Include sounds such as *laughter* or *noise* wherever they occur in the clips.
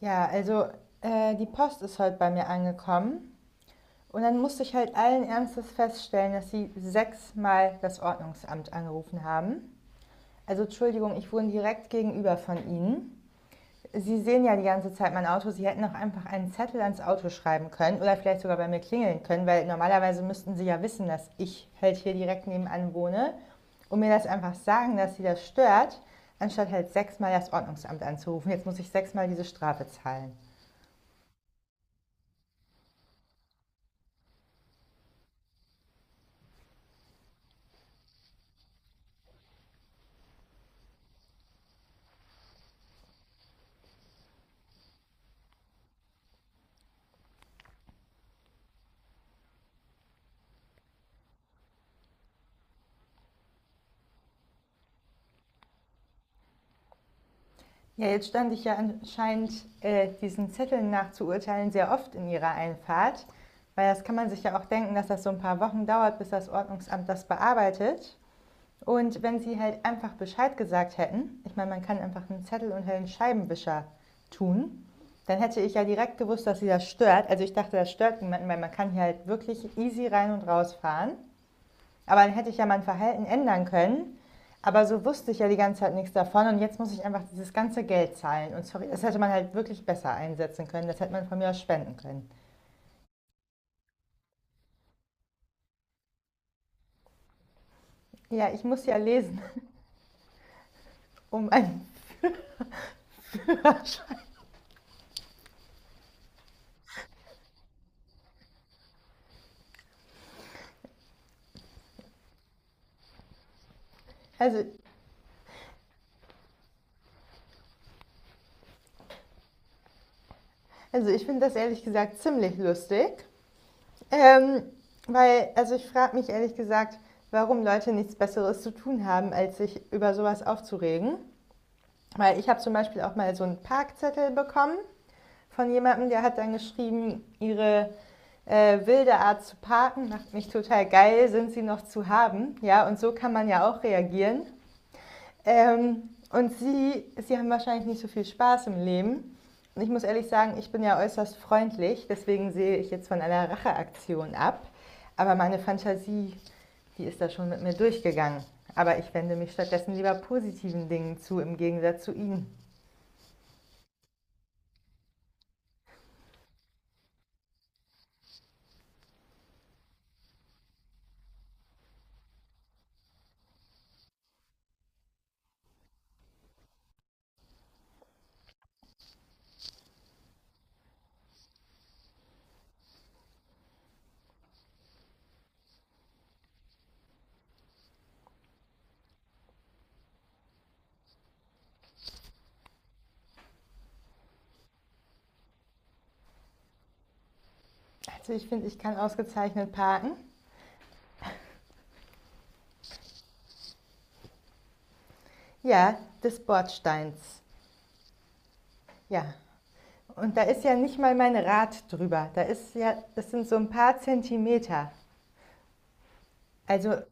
Ja, also die Post ist heute bei mir angekommen und dann musste ich halt allen Ernstes feststellen, dass sie sechsmal das Ordnungsamt angerufen haben. Also Entschuldigung, ich wohne direkt gegenüber von Ihnen. Sie sehen ja die ganze Zeit mein Auto. Sie hätten auch einfach einen Zettel ans Auto schreiben können oder vielleicht sogar bei mir klingeln können, weil normalerweise müssten Sie ja wissen, dass ich halt hier direkt nebenan wohne und mir das einfach sagen, dass Sie das stört, anstatt halt sechsmal das Ordnungsamt anzurufen. Jetzt muss ich sechsmal diese Strafe zahlen. Ja, jetzt stand ich ja anscheinend diesen Zetteln nach zu urteilen sehr oft in Ihrer Einfahrt, weil das kann man sich ja auch denken, dass das so ein paar Wochen dauert, bis das Ordnungsamt das bearbeitet. Und wenn Sie halt einfach Bescheid gesagt hätten, ich meine, man kann einfach einen Zettel unter den Scheibenwischer tun, dann hätte ich ja direkt gewusst, dass Sie das stört. Also ich dachte, das stört niemanden, weil man kann hier halt wirklich easy rein und raus fahren. Aber dann hätte ich ja mein Verhalten ändern können. Aber so wusste ich ja die ganze Zeit nichts davon und jetzt muss ich einfach dieses ganze Geld zahlen. Und sorry, das hätte man halt wirklich besser einsetzen können. Das hätte man von mir aus spenden können. Ja, ich muss ja lesen, *laughs* um ein. Also, also ich finde das ehrlich gesagt ziemlich lustig. Ähm, Weil, also ich frage mich ehrlich gesagt, warum Leute nichts Besseres zu tun haben, als sich über sowas aufzuregen. Weil ich habe zum Beispiel auch mal so einen Parkzettel bekommen von jemandem, der hat dann geschrieben, ihre wilde Art zu parken macht mich total geil, sind sie noch zu haben? Ja, und so kann man ja auch reagieren. Ähm, und sie haben wahrscheinlich nicht so viel Spaß im Leben. Und ich muss ehrlich sagen, ich bin ja äußerst freundlich, deswegen sehe ich jetzt von einer Racheaktion ab. Aber meine Fantasie, die ist da schon mit mir durchgegangen. Aber ich wende mich stattdessen lieber positiven Dingen zu, im Gegensatz zu Ihnen. Also ich finde, ich kann ausgezeichnet parken. Ja, des Bordsteins. Ja. Und da ist ja nicht mal mein Rad drüber. Da ist ja, das sind so ein paar Zentimeter. Also,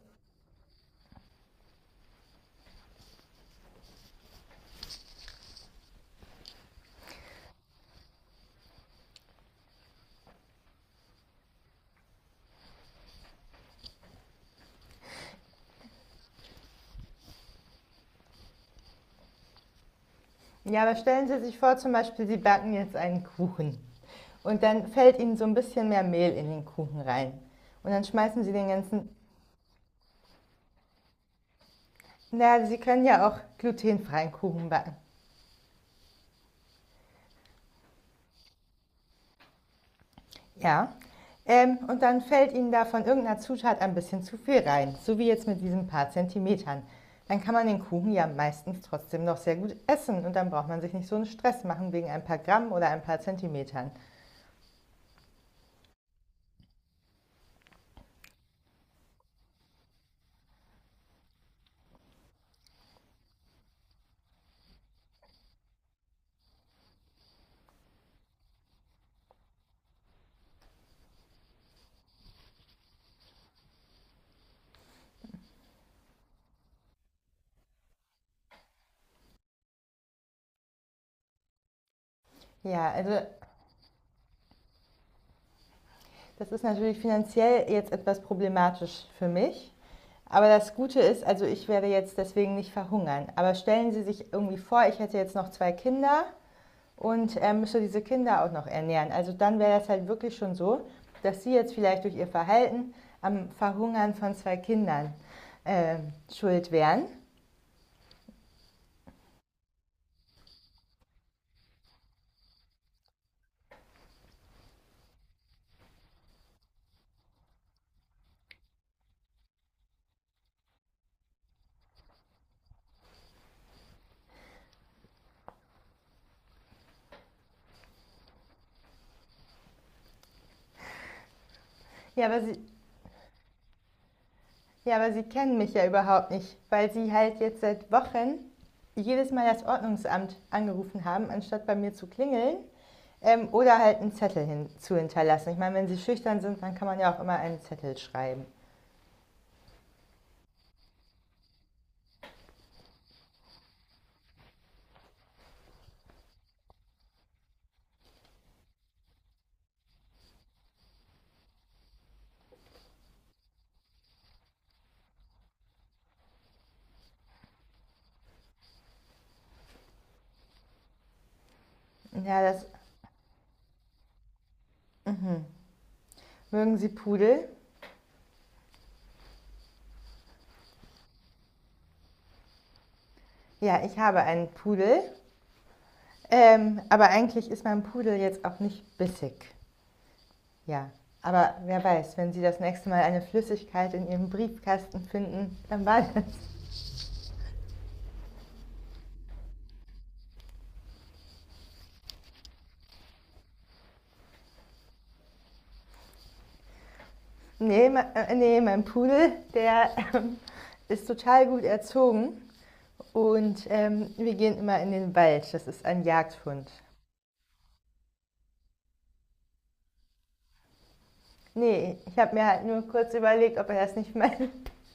ja, aber stellen Sie sich vor, zum Beispiel, Sie backen jetzt einen Kuchen. Und dann fällt Ihnen so ein bisschen mehr Mehl in den Kuchen rein. Und dann schmeißen Sie den ganzen. Naja, Sie können ja auch glutenfreien Kuchen backen. Ja. Und dann fällt Ihnen da von irgendeiner Zutat ein bisschen zu viel rein, so wie jetzt mit diesen paar Zentimetern. Dann kann man den Kuchen ja meistens trotzdem noch sehr gut essen und dann braucht man sich nicht so einen Stress machen wegen ein paar Gramm oder ein paar Zentimetern. Ja, also das ist natürlich finanziell jetzt etwas problematisch für mich. Aber das Gute ist, also ich werde jetzt deswegen nicht verhungern. Aber stellen Sie sich irgendwie vor, ich hätte jetzt noch zwei Kinder und er müsste diese Kinder auch noch ernähren. Also dann wäre das halt wirklich schon so, dass sie jetzt vielleicht durch ihr Verhalten am Verhungern von zwei Kindern äh, schuld wären. Ja aber, sie, ja, aber sie kennen mich ja überhaupt nicht, weil sie halt jetzt seit Wochen jedes Mal das Ordnungsamt angerufen haben, anstatt bei mir zu klingeln oder halt einen Zettel zu hinterlassen. Ich meine, wenn sie schüchtern sind, dann kann man ja auch immer einen Zettel schreiben. Ja, das mögen sie Pudel. Ja, ich habe einen Pudel. Aber eigentlich ist mein Pudel jetzt auch nicht bissig. Ja. Aber wer weiß, wenn Sie das nächste Mal eine Flüssigkeit in Ihrem Briefkasten finden, dann war das. Nee, mein Pudel, der ist total gut erzogen. Und wir gehen immer in den Wald. Das ist ein Jagdhund. Nee, ich habe mir halt nur kurz überlegt, ob er das nicht meint. *laughs*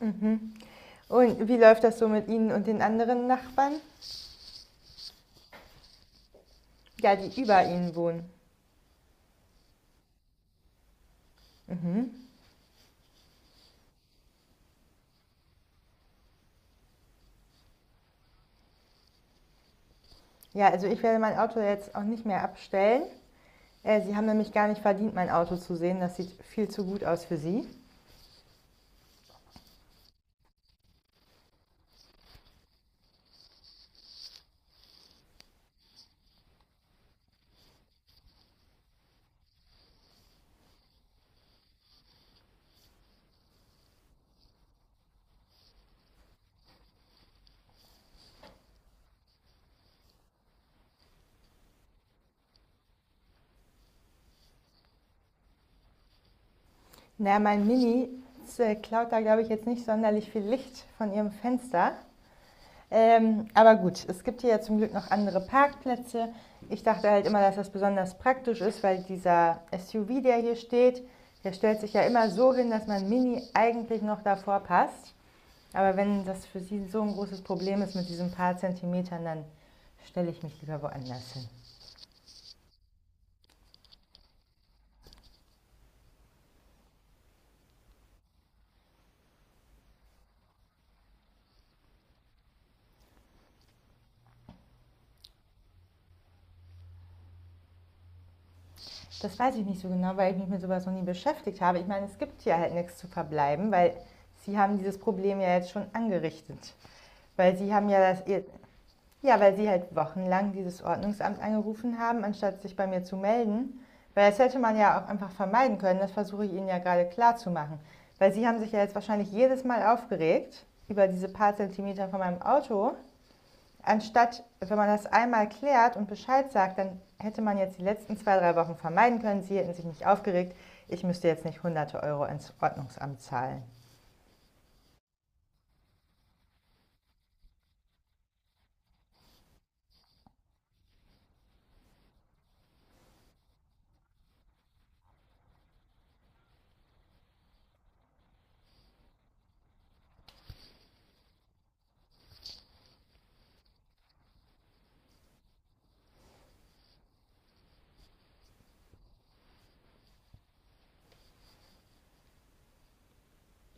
Mhm. Und wie läuft das so mit Ihnen und den anderen Nachbarn? Ja, die über Ihnen wohnen. Mhm. Ja, also ich werde mein Auto jetzt auch nicht mehr abstellen. Sie haben nämlich gar nicht verdient, mein Auto zu sehen. Das sieht viel zu gut aus für Sie. Na, mein Mini klaut da, glaube ich, jetzt nicht sonderlich viel Licht von Ihrem Fenster. Aber gut, es gibt hier ja zum Glück noch andere Parkplätze. Ich dachte halt immer, dass das besonders praktisch ist, weil dieser SUV, der hier steht, der stellt sich ja immer so hin, dass mein Mini eigentlich noch davor passt. Aber wenn das für Sie so ein großes Problem ist mit diesen paar Zentimetern, dann stelle ich mich lieber woanders hin. Das weiß ich nicht so genau, weil ich mich mit sowas noch nie beschäftigt habe. Ich meine, es gibt hier halt nichts zu verbleiben, weil Sie haben dieses Problem ja jetzt schon angerichtet. Weil Sie haben ja das... Ja, weil Sie halt wochenlang dieses Ordnungsamt angerufen haben, anstatt sich bei mir zu melden. Weil das hätte man ja auch einfach vermeiden können. Das versuche ich Ihnen ja gerade klarzumachen. Weil Sie haben sich ja jetzt wahrscheinlich jedes Mal aufgeregt über diese paar Zentimeter von meinem Auto, anstatt, wenn man das einmal klärt und Bescheid sagt, dann hätte man jetzt die letzten zwei, drei Wochen vermeiden können. Sie hätten sich nicht aufgeregt. Ich müsste jetzt nicht hunderte Euro ins Ordnungsamt zahlen.